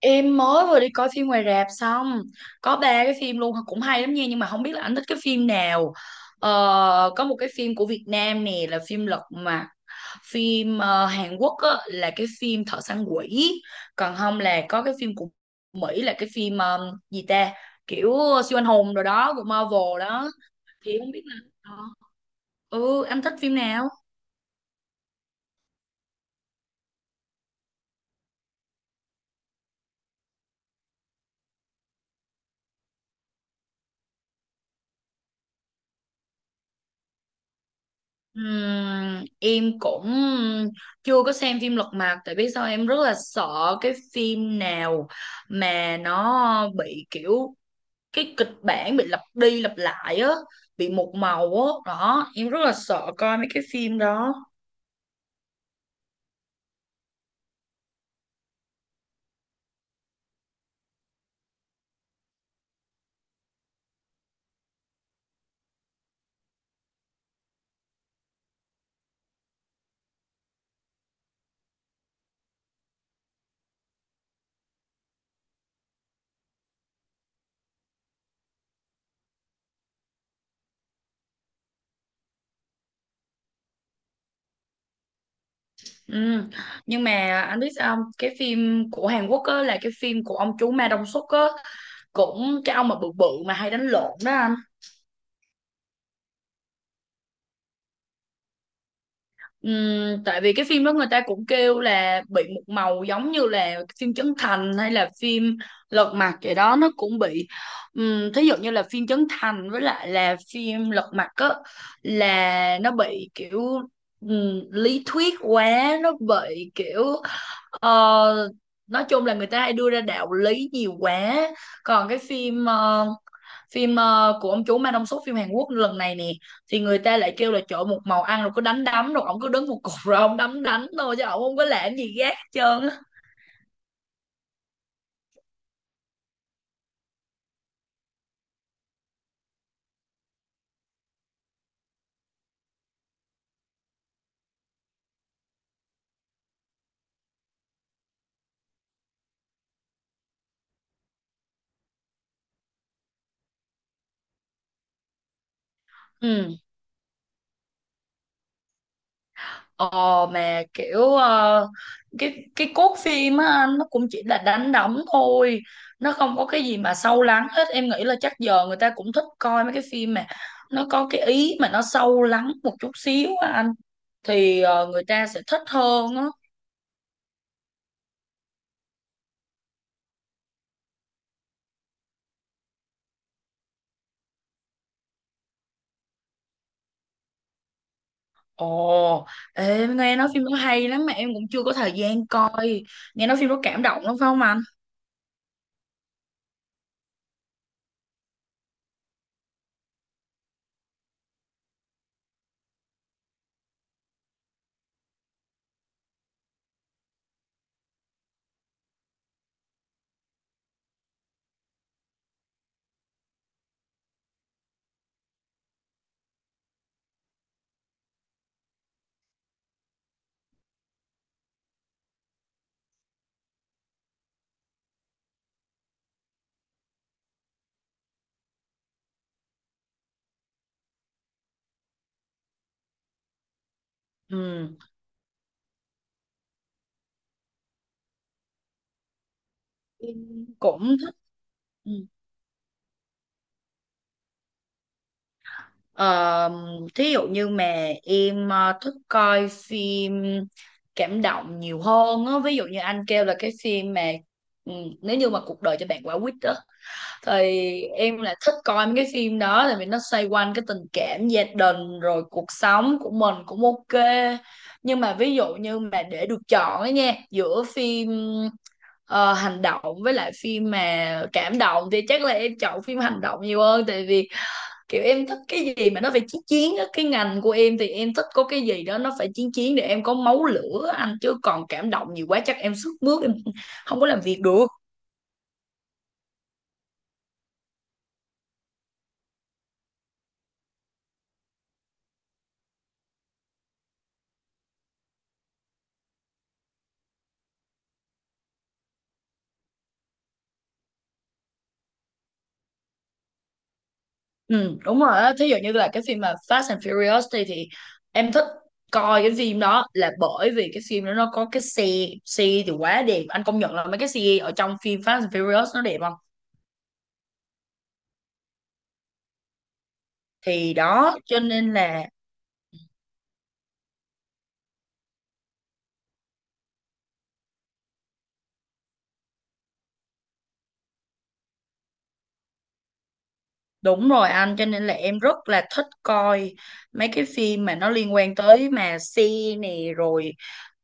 Em mới vừa đi coi phim ngoài rạp xong. Có ba cái phim luôn. Cũng hay lắm nha. Nhưng mà không biết là anh thích cái phim nào. ờ, Có một cái phim của Việt Nam nè. Là phim Lật Mặt. Phim Hàn Quốc á, là cái phim Thợ săn quỷ. Còn không là có cái phim của Mỹ. Là cái phim gì ta. Kiểu siêu anh hùng rồi đó. Của Marvel đó. Thì không biết là, ờ, ừ anh thích phim nào. Em cũng chưa có xem phim Lật Mặt. Tại biết sao em rất là sợ cái phim nào mà nó bị kiểu cái kịch bản bị lặp đi lặp lại á, bị một màu á đó, em rất là sợ coi mấy cái phim đó. Ừm, nhưng mà anh biết sao không? Cái phim của Hàn Quốc á là cái phim của ông chú Ma Đông Xuất á, cũng cái ông mà bự bự mà hay đánh lộn đó anh. Tại vì cái phim đó người ta cũng kêu là bị một màu giống như là phim Trấn Thành hay là phim Lật Mặt vậy đó, nó cũng bị, thí dụ như là phim Trấn Thành với lại là phim Lật Mặt á, là nó bị kiểu lý thuyết quá, nó bị kiểu ờ, nói chung là người ta hay đưa ra đạo lý nhiều quá. Còn cái phim phim của ông chú Ma Đông Xuất, phim Hàn Quốc lần này nè, thì người ta lại kêu là trời ơi, một màu ăn rồi cứ đánh đấm, rồi ổng cứ đứng một cục rồi ổng đấm đánh thôi chứ ổng không có làm gì gác hết trơn á. Ừ. ờ mà kiểu cái cốt phim á anh, nó cũng chỉ là đánh đấm thôi. Nó không có cái gì mà sâu lắng hết. Em nghĩ là chắc giờ người ta cũng thích coi mấy cái phim mà nó có cái ý mà nó sâu lắng một chút xíu á anh, thì người ta sẽ thích hơn á. Ồ, ê, em nghe nói phim đó hay lắm mà em cũng chưa có thời gian coi. Nghe nói phim đó cảm động lắm phải không anh? Ừ, em cũng thích. Ừ. Ờ, thí dụ như mà em thích coi phim cảm động nhiều hơn á. Ví dụ như anh kêu là cái phim mà, ừ, nếu như mà cuộc đời cho bạn quả quýt đó. Thì em lại thích coi mấy cái phim đó tại vì nó xoay quanh cái tình cảm gia đình rồi cuộc sống của mình cũng ok. Nhưng mà ví dụ như mà để được chọn ấy nha, giữa phim hành động với lại phim mà cảm động, thì chắc là em chọn phim hành động nhiều hơn, tại vì kiểu em thích cái gì mà nó phải chiến chiến á. Cái ngành của em thì em thích có cái gì đó nó phải chiến chiến để em có máu lửa anh, chứ còn cảm động nhiều quá chắc em sức mướt em không có làm việc được. Ừ, đúng rồi á. Thí dụ như là cái phim mà Fast and Furious, thì em thích coi cái phim đó là bởi vì cái phim đó nó có cái xe. Xe thì quá đẹp, anh công nhận là mấy cái xe ở trong phim Fast and Furious nó đẹp không. Thì đó cho nên là, đúng rồi anh, cho nên là em rất là thích coi mấy cái phim mà nó liên quan tới mà xe nè rồi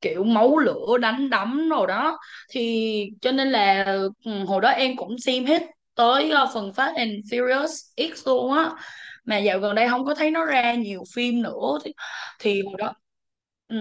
kiểu máu lửa đánh đấm rồi đó. Thì cho nên là, hồi đó em cũng xem hết tới phần Fast and Furious X luôn á. Mà dạo gần đây không có thấy nó ra nhiều phim nữa thì, hồi đó. Ừ.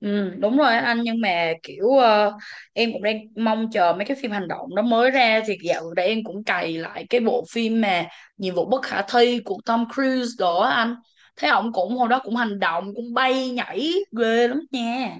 Ừ, đúng rồi á anh. Nhưng mà kiểu em cũng đang mong chờ mấy cái phim hành động nó mới ra. Thì dạo gần đây em cũng cày lại cái bộ phim mà nhiệm vụ bất khả thi của Tom Cruise đó á anh, thấy ổng cũng hồi đó cũng hành động cũng bay nhảy ghê lắm nha.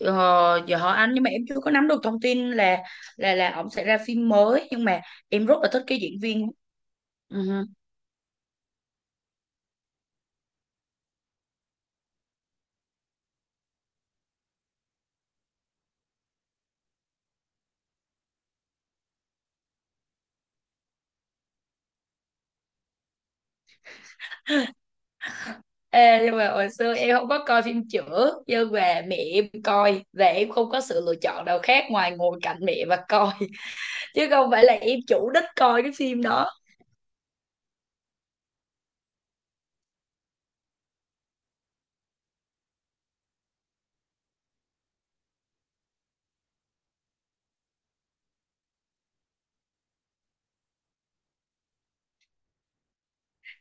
ờ, Giờ hỏi anh nhưng mà em chưa có nắm được thông tin là ổng sẽ ra phim mới, nhưng mà em rất là thích cái diễn viên. Ừ. Ê, nhưng mà hồi xưa em không có coi phim chữa, nhưng mà mẹ em coi và em không có sự lựa chọn nào khác ngoài ngồi cạnh mẹ và coi, chứ không phải là em chủ đích coi cái phim đó.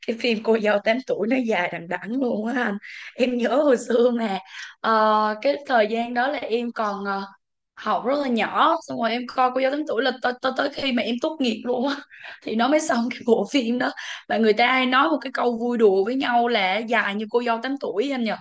Cái phim cô dâu tám tuổi nó dài đằng đẵng luôn á anh. Em nhớ hồi xưa mà cái thời gian đó là em còn học rất là nhỏ, xong rồi em coi cô dâu tám tuổi là tới tới tới khi mà em tốt nghiệp luôn á thì nó mới xong cái bộ phim đó. Và người ta hay nói một cái câu vui đùa với nhau là dài như cô dâu tám tuổi anh nhỉ?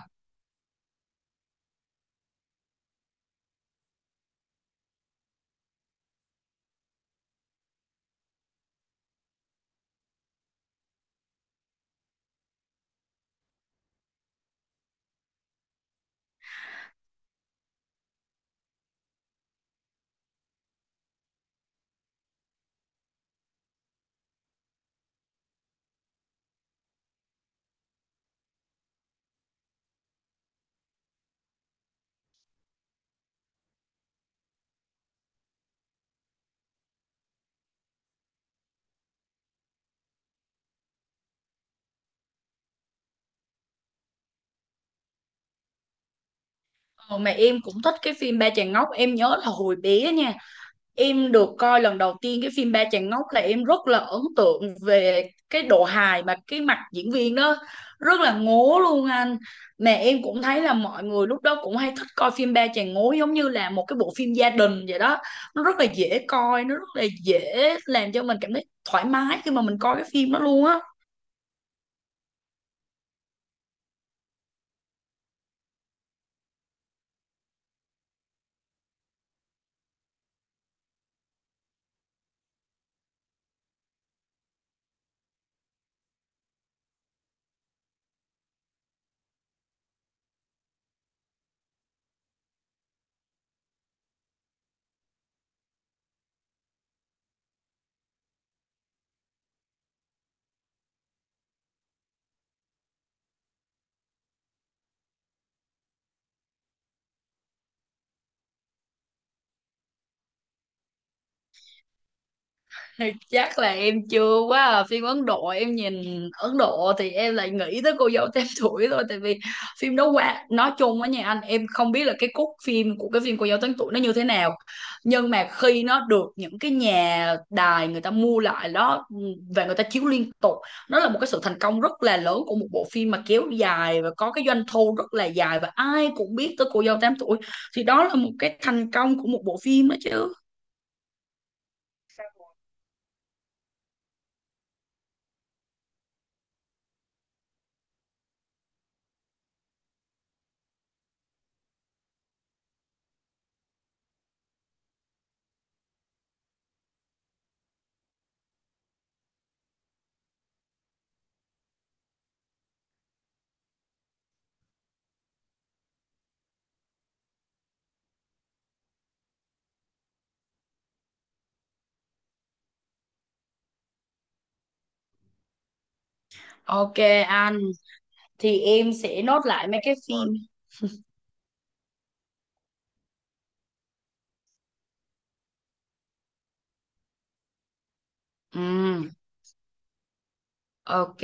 Ờ, mà em cũng thích cái phim Ba Chàng Ngốc. Em nhớ là hồi bé nha, em được coi lần đầu tiên cái phim Ba Chàng Ngốc là em rất là ấn tượng về cái độ hài, mà cái mặt diễn viên đó rất là ngố luôn anh. Mà em cũng thấy là mọi người lúc đó cũng hay thích coi phim Ba Chàng Ngố giống như là một cái bộ phim gia đình vậy đó. Nó rất là dễ coi, nó rất là dễ làm cho mình cảm thấy thoải mái khi mà mình coi cái phim đó luôn á. Chắc là em chưa quá à. Phim Ấn Độ, em nhìn Ấn Độ thì em lại nghĩ tới cô dâu tám tuổi thôi, tại vì phim đó qua nói chung á nha anh. Em không biết là cái cốt phim của cái phim cô dâu tám tuổi nó như thế nào, nhưng mà khi nó được những cái nhà đài người ta mua lại đó, và người ta chiếu liên tục, nó là một cái sự thành công rất là lớn của một bộ phim mà kéo dài và có cái doanh thu rất là dài, và ai cũng biết tới cô dâu tám tuổi. Thì đó là một cái thành công của một bộ phim đó chứ. Ok anh, thì em sẽ nốt lại mấy cái phim. Ừm, ok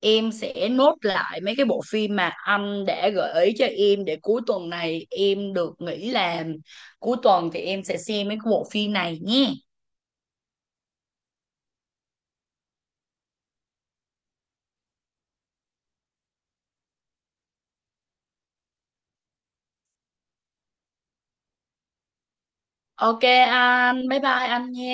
em sẽ nốt lại mấy cái bộ phim mà anh đã gợi ý cho em, để cuối tuần này em được nghỉ làm, cuối tuần thì em sẽ xem mấy cái bộ phim này nhé. Ok anh bye bye anh nhé.